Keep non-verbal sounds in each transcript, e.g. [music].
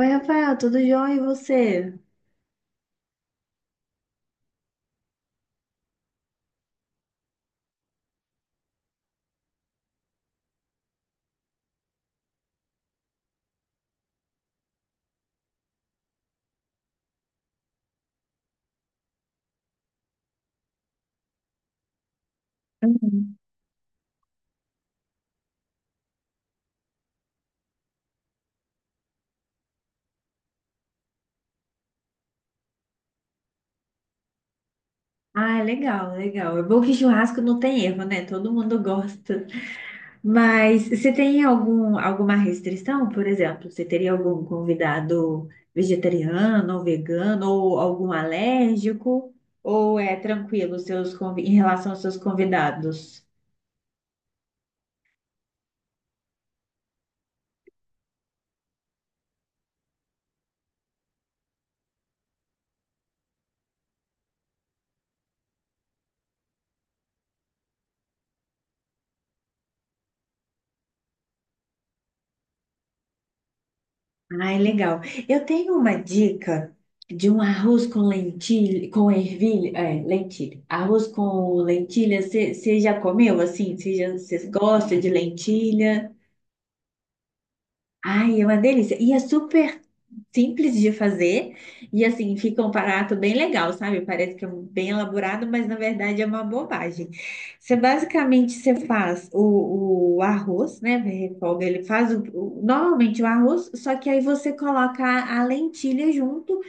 Oi, Rafael, tudo jóia e você? Uhum. Ah, legal, legal. É bom que churrasco não tem erro, né? Todo mundo gosta. Mas você tem alguma restrição, por exemplo? Você teria algum convidado vegetariano ou vegano ou algum alérgico? Ou é tranquilo em relação aos seus convidados? Ai, legal. Eu tenho uma dica de um arroz com lentilha, com ervilha, lentilha. Arroz com lentilha, você já comeu assim? Você gosta de lentilha? Ai, é uma delícia. E é super simples de fazer. E assim, fica um prato bem legal, sabe? Parece que é bem elaborado, mas na verdade é uma bobagem. Você basicamente você faz o arroz, né? Refoga, ele faz normalmente o arroz, só que aí você coloca a lentilha junto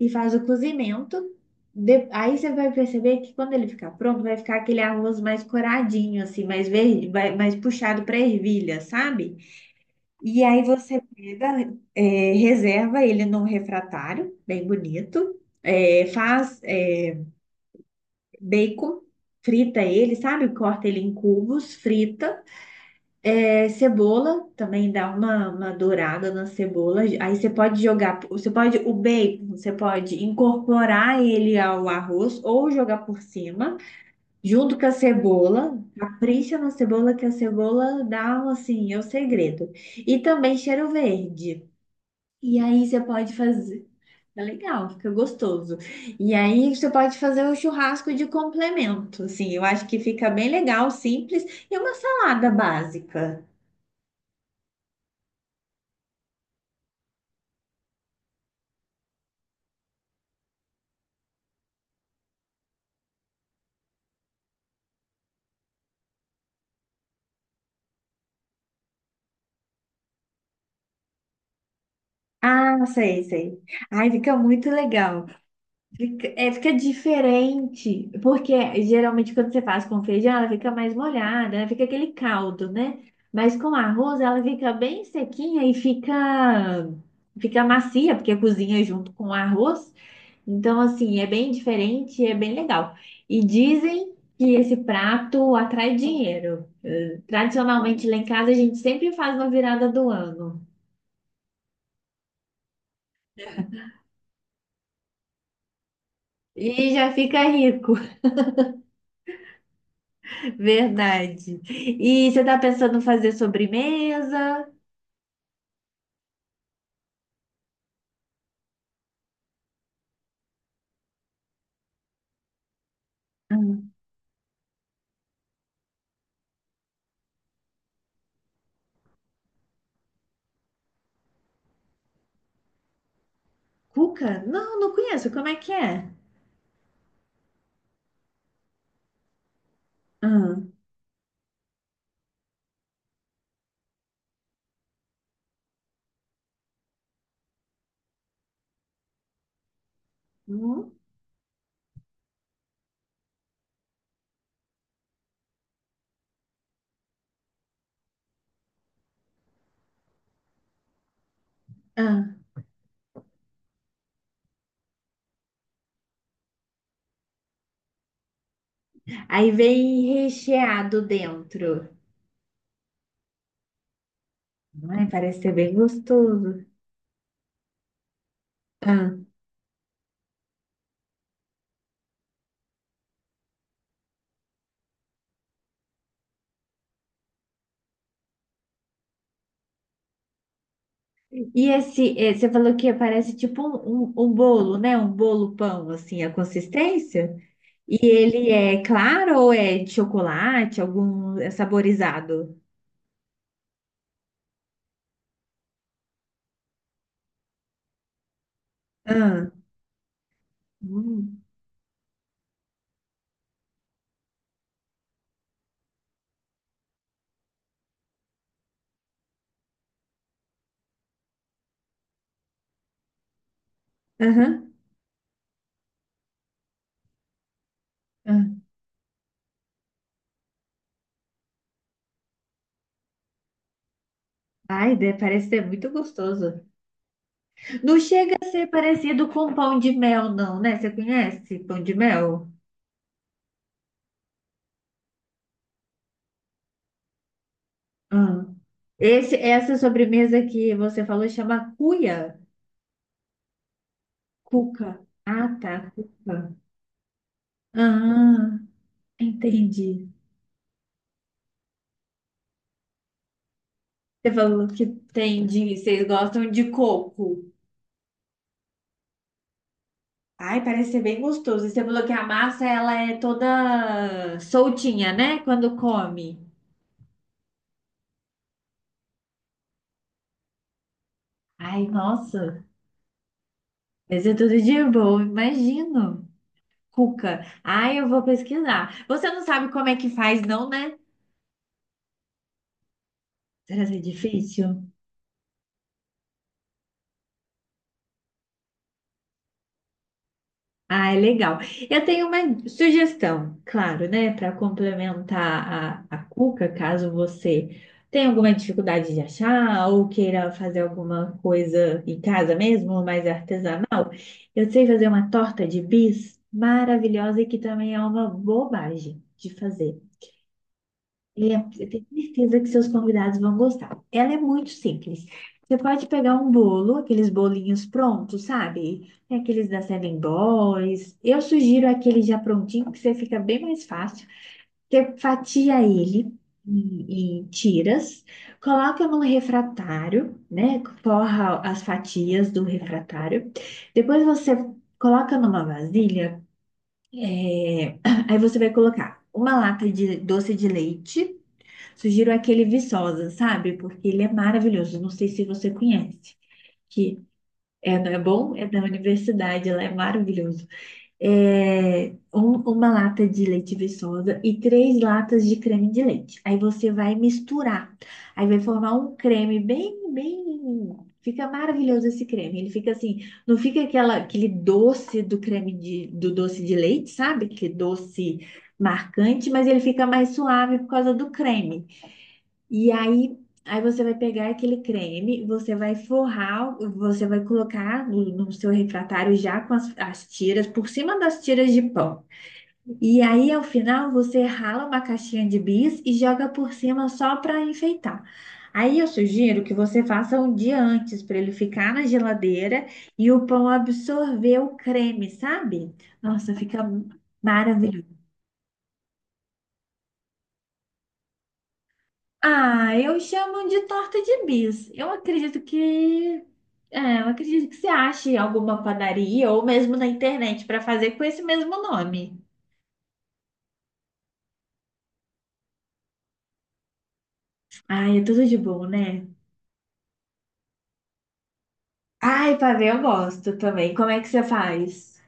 e faz o cozimento. Aí você vai perceber que quando ele ficar pronto, vai ficar aquele arroz mais coradinho, assim, mais verde, mais puxado para ervilha, sabe? E aí você pega, reserva ele num refratário, bem bonito, faz, bacon, frita ele, sabe? Corta ele em cubos, frita. É, cebola, também dá uma dourada na cebola. Aí você pode jogar, o bacon, você pode incorporar ele ao arroz ou jogar por cima, junto com a cebola. Capricha na cebola, que a cebola dá, um, assim, é o segredo. E também cheiro verde. E aí você pode fazer. É legal, fica gostoso. E aí você pode fazer um churrasco de complemento, assim. Eu acho que fica bem legal, simples. E uma salada básica. Ah, sei, sei. Ai, fica muito legal. Fica diferente, porque geralmente quando você faz com feijão, ela fica mais molhada, né? Fica aquele caldo, né? Mas com arroz, ela fica bem sequinha e fica macia, porque cozinha junto com o arroz. Então, assim, é bem diferente, e é bem legal. E dizem que esse prato atrai dinheiro. Tradicionalmente, lá em casa, a gente sempre faz na virada do ano. E já fica rico. Verdade. E você tá pensando em fazer sobremesa? Hum. Cuca? Não, não conheço. Como é que é? Hum. Hum? Ah, aí vem recheado dentro. Ai, parece ser bem gostoso. Ah, e esse, você falou que parece tipo um bolo, né? Um bolo pão, assim, a consistência. E ele é claro ou é de chocolate, algum é saborizado? Ah. Hum. Aham. Ah. Ai, parece ser muito gostoso. Não chega a ser parecido com pão de mel, não, né? Você conhece pão de mel? Ah. Essa sobremesa que você falou chama cuia? Cuca. Ah, tá, cuca. Ah, entendi. Você falou que vocês gostam de coco. Ai, parece ser bem gostoso. E você falou que a massa, ela é toda soltinha, né? Quando come. Ai, nossa, mas é tudo de bom, imagino. Cuca. Ai, eu vou pesquisar. Você não sabe como é que faz, não, né? Será que é difícil? Ah, é legal. Eu tenho uma sugestão, claro, né? Para complementar a cuca, caso você tenha alguma dificuldade de achar ou queira fazer alguma coisa em casa mesmo, mais artesanal. Eu sei fazer uma torta de bis maravilhosa e que também é uma bobagem de fazer. É, eu tenho certeza que seus convidados vão gostar. Ela é muito simples. Você pode pegar um bolo, aqueles bolinhos prontos, sabe? É aqueles da Seven Boys. Eu sugiro aquele já prontinho, que você fica bem mais fácil. Você fatia ele em tiras, coloca no refratário, né? Forra as fatias do refratário. Depois você coloca numa vasilha. é, [clears throat] Aí você vai colocar uma lata de doce de leite. Sugiro aquele Viçosa, sabe? Porque ele é maravilhoso. Não sei se você conhece. Que é, não é bom? É da universidade, ela é maravilhoso. É uma lata de leite Viçosa e três latas de creme de leite. Aí você vai misturar. Aí vai formar um creme bem, bem. Fica maravilhoso esse creme. Ele fica assim, não fica aquele doce do doce de leite, sabe? Aquele doce marcante, mas ele fica mais suave por causa do creme. E aí, você vai pegar aquele creme, você vai forrar, você vai colocar no seu refratário já com as tiras, por cima das tiras de pão. E aí, ao final, você rala uma caixinha de bis e joga por cima só para enfeitar. Aí eu sugiro que você faça um dia antes para ele ficar na geladeira e o pão absorver o creme, sabe? Nossa, fica maravilhoso. Ah, eu chamo de torta de bis. Eu acredito que. É, eu acredito que você ache alguma padaria ou mesmo na internet para fazer com esse mesmo nome. Ai, é tudo de bom, né? Ai, pavê eu gosto também. Como é que você faz?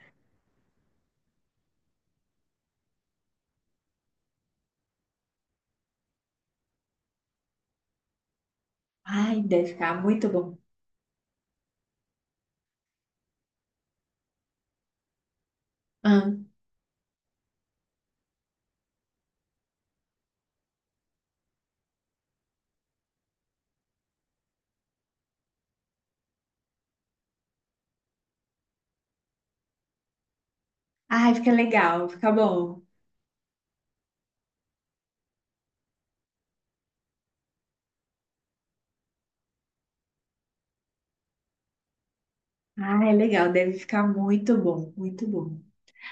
Ai, deve ficar muito bom. Ah. Ai, fica legal, fica bom. Ai, legal, deve ficar muito bom, muito bom.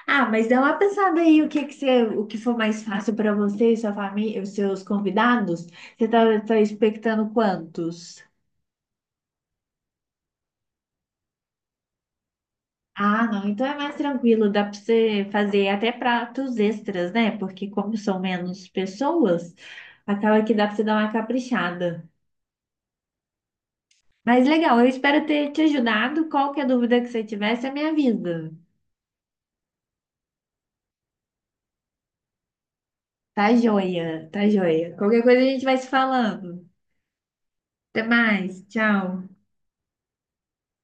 Ah, mas dá uma pensada aí o que que você, o que for mais fácil para você e sua família, os seus convidados. Você tá expectando quantos? Ah, não, então é mais tranquilo, dá para você fazer até pratos extras, né? Porque como são menos pessoas, acaba que dá para você dar uma caprichada. Mas legal, eu espero ter te ajudado. Qualquer dúvida que você tiver, você me avisa. Tá joia, tá joia. Qualquer coisa a gente vai se falando. Até mais, tchau.